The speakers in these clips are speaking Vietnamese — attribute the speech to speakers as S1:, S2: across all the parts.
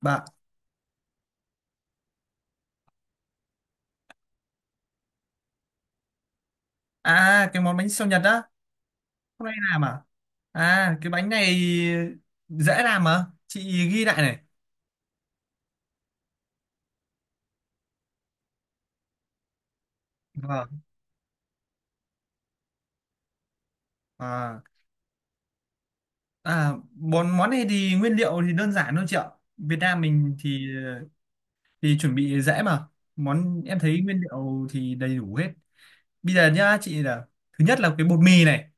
S1: Bà à cái món bánh xèo Nhật á, hôm nay làm à? À, cái bánh này dễ làm mà, chị ghi lại này. Vâng. À, à món món này thì nguyên liệu thì đơn giản thôi chị ạ. Việt Nam mình thì chuẩn bị dễ mà. Món em thấy nguyên liệu thì đầy đủ hết. Bây giờ nhá, chị là thứ nhất là cái bột mì này.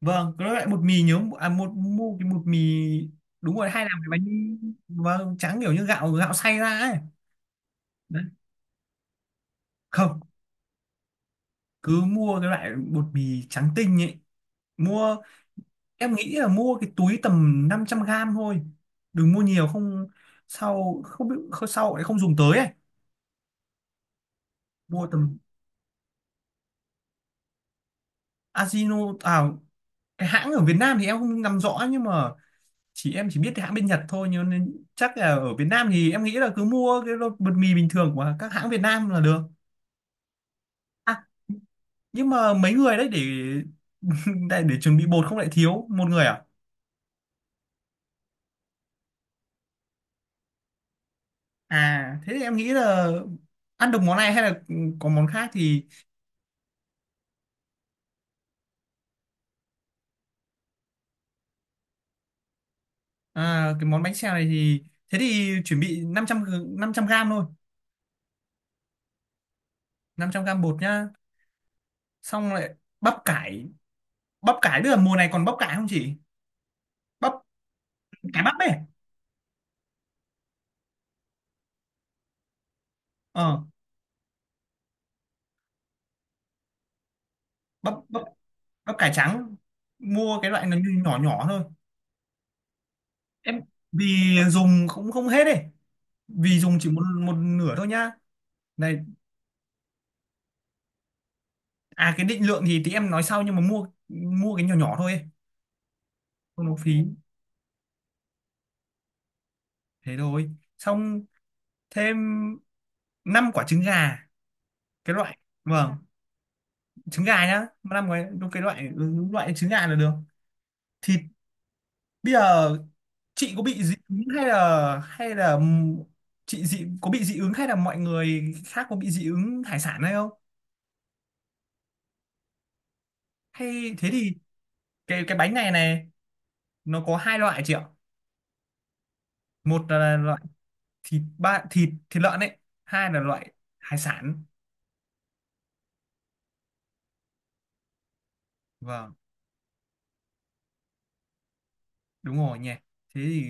S1: Vâng, cái loại bột mì nhớ à một mua cái bột mì, đúng rồi hay làm cái bánh, vâng trắng kiểu như gạo gạo xay ra ấy. Đấy. Không, cứ mua cái loại bột mì trắng tinh ấy, mua em nghĩ là mua cái túi tầm 500 gram thôi, đừng mua nhiều không sau không biết không- sau lại không dùng tới ấy. Mua tầm Ajino à, cái hãng ở Việt Nam thì em không nắm rõ nhưng mà em chỉ biết cái hãng bên Nhật thôi nhưng nên chắc là ở Việt Nam thì em nghĩ là cứ mua cái bột mì bình thường của các hãng Việt Nam là được. À, nhưng mà mấy người đấy để để, chuẩn bị bột không lại thiếu một người à. À, thế thì em nghĩ là ăn được món này hay là có món khác thì, à, cái món bánh xèo này thì thế thì chuẩn bị 500 500 gram thôi, 500 gram bột nhá. Xong lại bắp cải, bắp cải bây giờ mùa này còn bắp cải không chị? Bắp cải bắp ấy. Ờ, bắp bắp bắp cải trắng. Mua cái loại nó nhỏ nhỏ thôi. Em vì dùng cũng không hết ấy. Vì dùng chỉ một một nửa thôi nhá. Này, à cái định lượng thì tí em nói sau nhưng mà mua mua cái nhỏ nhỏ thôi ấy, không nó phí. Thế thôi, xong thêm 5 quả trứng gà cái loại, vâng trứng gà nhá năm cái đúng cái loại đúng loại trứng gà là được. Thì bây giờ chị có bị dị ứng hay là chị có bị dị ứng hay là mọi người khác có bị dị ứng hải sản hay không, hay thế thì cái bánh này này nó có hai loại chị ạ, một là loại thịt ba thịt thịt lợn ấy, hai là loại hải sản. Vâng, đúng rồi nhỉ, thế thì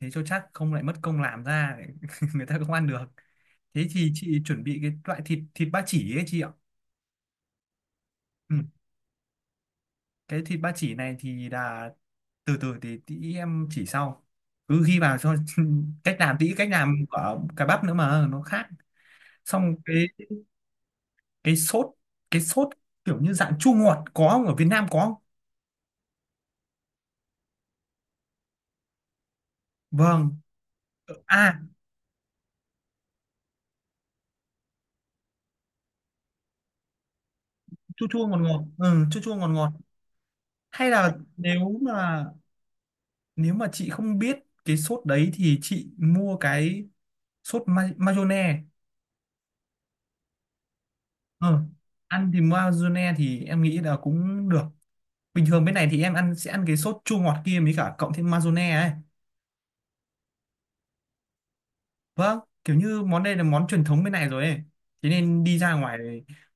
S1: thế cho chắc không lại mất công làm ra người ta không ăn được, thế thì chị chuẩn bị cái loại thịt thịt ba chỉ ấy chị ạ. Ừ. Cái thịt ba chỉ này thì là từ từ thì tí em chỉ sau, cứ ghi vào cho cách làm, tí cách làm của cà bắp nữa mà nó khác. Xong cái cái sốt cái sốt kiểu như dạng chua ngọt, có không, ở Việt Nam có không? Vâng, à chua chua ngọt ngọt, ừ, chua chua ngọt ngọt, hay là nếu mà, nếu mà chị không biết cái sốt đấy thì chị mua cái sốt mayonnaise ờ, ăn thì mayonnaise thì em nghĩ là cũng được, bình thường bên này thì em ăn sẽ ăn cái sốt chua ngọt kia mới cả cộng thêm mayonnaise ấy. Vâng, kiểu như món đây là món truyền thống bên này rồi ấy, thế nên đi ra ngoài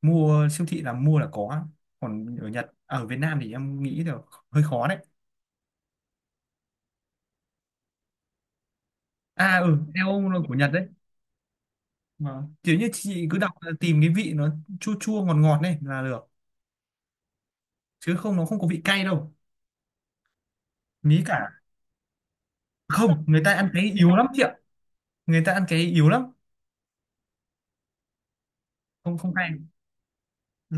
S1: mua siêu thị là mua là có, còn ở Nhật à, ở Việt Nam thì em nghĩ là hơi khó đấy. À ừ, eo là của Nhật đấy. Vâng, kiểu như chị cứ đọc là tìm cái vị nó chua chua ngọt ngọt này là được, chứ không nó không có vị cay đâu, mí cả, không người ta ăn cái yếu lắm chị ạ, người ta ăn cái yếu lắm, không không cay. Ừ.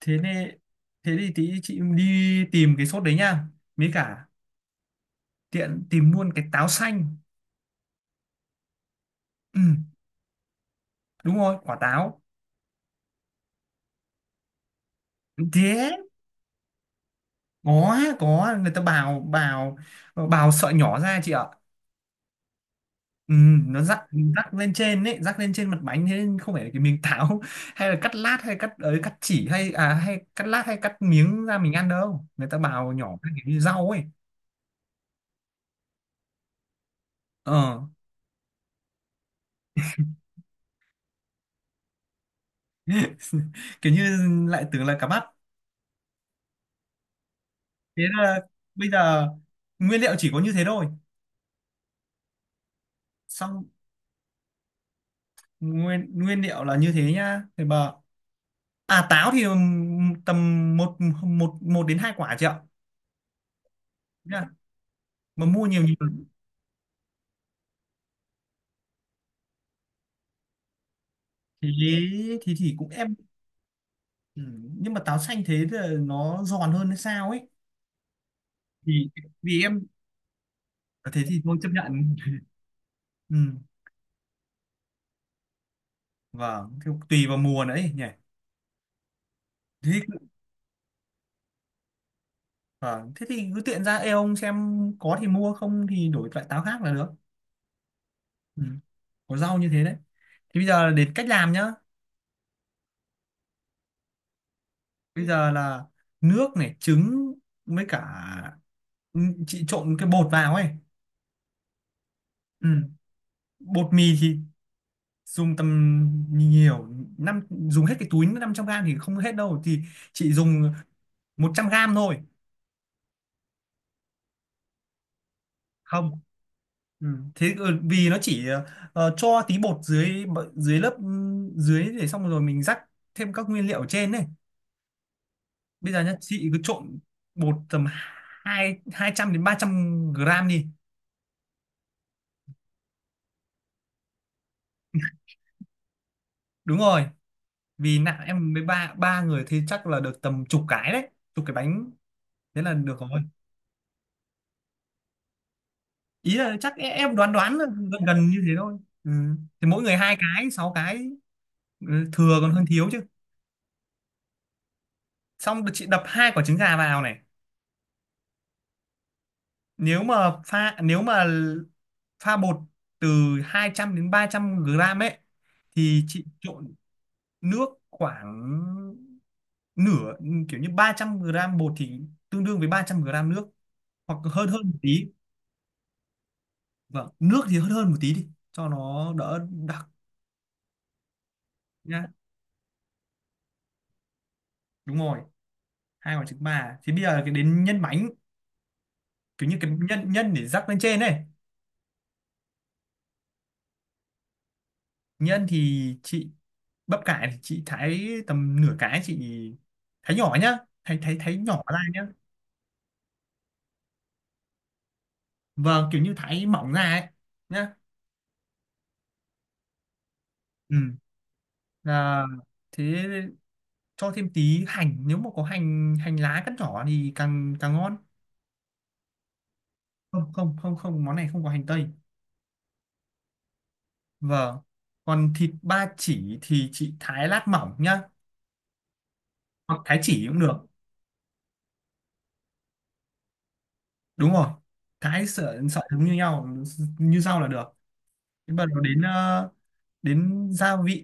S1: Thế nên thế thì tí chị đi tìm cái sốt đấy nha, mí cả tiện tìm luôn cái táo xanh. Ừ. Đúng rồi quả táo, thế có người ta bào bào bào sợi nhỏ ra chị ạ. Ừ, nó rắc, rắc lên trên ấy, rắc lên trên mặt bánh, thế nên không phải là cái miếng táo hay là cắt lát hay cắt ấy, cắt chỉ hay à hay cắt lát hay cắt miếng ra mình ăn đâu, người ta bào nhỏ cái kiểu như rau ấy. Ờ, kiểu như lại tưởng là cá mắt. Thế là bây giờ nguyên liệu chỉ có như thế thôi, xong nguyên nguyên liệu là như thế nhá, thì bà à táo thì tầm một một một đến hai quả chị ạ. Nhá, mà mua nhiều nhiều thì thì cũng em, ừ, nhưng mà táo xanh thế thì nó giòn hơn hay sao ấy, thì vì em, thế thì thôi chấp nhận ừ, vâng thì tùy vào mùa nữa ấy nhỉ. Thế, vâng, thế thì cứ tiện ra eo ông xem có thì mua, không thì đổi loại táo khác là được. Ừ. Có rau như thế đấy, thì bây giờ đến cách làm nhá. Bây giờ là nước này, trứng, với cả, ừ, chị trộn cái bột vào ấy. Ừ. Bột mì thì dùng tầm nhiều năm dùng hết cái túi 500 gram thì không hết đâu, thì chị dùng 100 gram thôi. Không, ừ, thế ờ, vì nó chỉ ờ, ờ, cho tí bột dưới, dưới lớp, ừ, dưới để xong rồi mình rắc thêm các nguyên liệu ở trên này. Bây giờ nhá chị cứ trộn bột tầm hai 200 đến 300 gram đi. Đúng rồi, vì nặng em mới ba ba người thì chắc là được tầm chục cái đấy, chục cái bánh, thế là được rồi. Ý là chắc em đoán đoán là gần gần như thế thôi. Ừ. Thì mỗi người hai cái, sáu cái, ừ, thừa còn hơn thiếu chứ. Xong chị đập hai quả trứng gà vào này, nếu mà pha bột từ 200 đến 300 gram ấy thì chị trộn nước khoảng nửa, kiểu như 300 gram bột thì tương đương với 300 gram nước hoặc hơn hơn một tí. Vâng, nước thì hơn hơn một tí đi cho nó đỡ đặc nhá. Đúng rồi, hai quả trứng bà, thì bây giờ cái đến nhân bánh, kiểu như cái nhân nhân để rắc lên trên này. Nhân thì chị bắp cải thì chị thái tầm nửa cái, chị thái nhỏ nhá, thái thái thái nhỏ ra nhá. Vâng, kiểu như thái mỏng ra ấy nhá. Ừ là thế, cho thêm tí hành nếu mà có hành, hành lá cắt nhỏ thì càng càng ngon. Không không không không món này không có hành tây vâng còn thịt ba chỉ thì chị thái lát mỏng nhá hoặc thái chỉ cũng được đúng rồi cái sợi sợi giống như nhau, như rau là được. Nhưng mà đầu đến ờ, đến gia vị,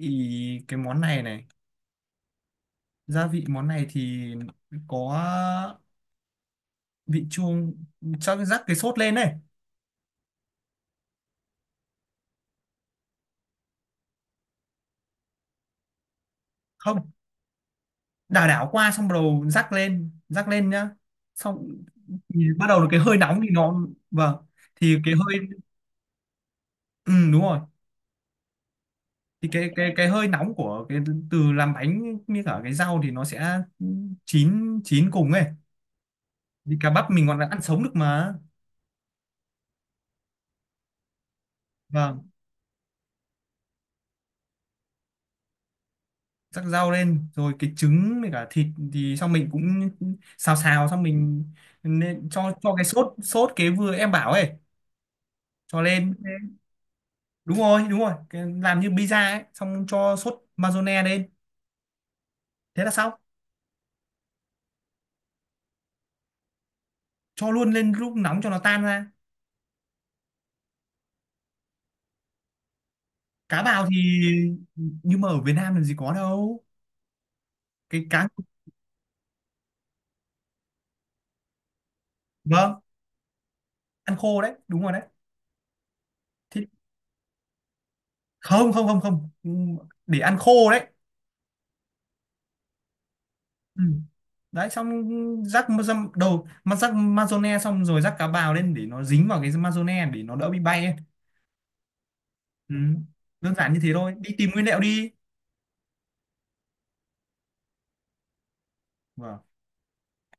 S1: cái món này này, gia vị món này thì có vị chua, cho rắc cái sốt lên này. Không, đảo đảo qua xong bắt đầu rắc lên, rắc lên nhá. Xong thì bắt đầu là cái hơi nóng thì nó, vâng, thì cái hơi, ừ, đúng rồi, thì cái hơi nóng của cái từ làm bánh như cả cái rau thì nó sẽ chín chín cùng ấy, vì cá bắp mình còn ăn sống được mà. Vâng, rắc rau lên rồi cái trứng với cả thịt thì xong mình cũng xào xào xong mình nên cho cái sốt, sốt cái vừa em bảo ấy, cho lên. Đúng rồi, đúng rồi, cái, làm như pizza ấy, xong cho sốt mayonnaise lên, thế là xong. Cho luôn lên lúc nóng cho nó tan ra. Cá bào thì, nhưng mà ở Việt Nam làm gì có đâu, cái cá, vâng ăn khô đấy, đúng rồi đấy, thì không, không, không không để ăn khô đấy. Ừ. Đấy xong rắc ma- dăm- đầu mà rắc mazone xong rồi rắc cá bào lên để nó dính vào cái mazone để nó đỡ bị bay ấy. Ừ. Đơn giản như thế thôi, đi tìm nguyên liệu đi. Vâng.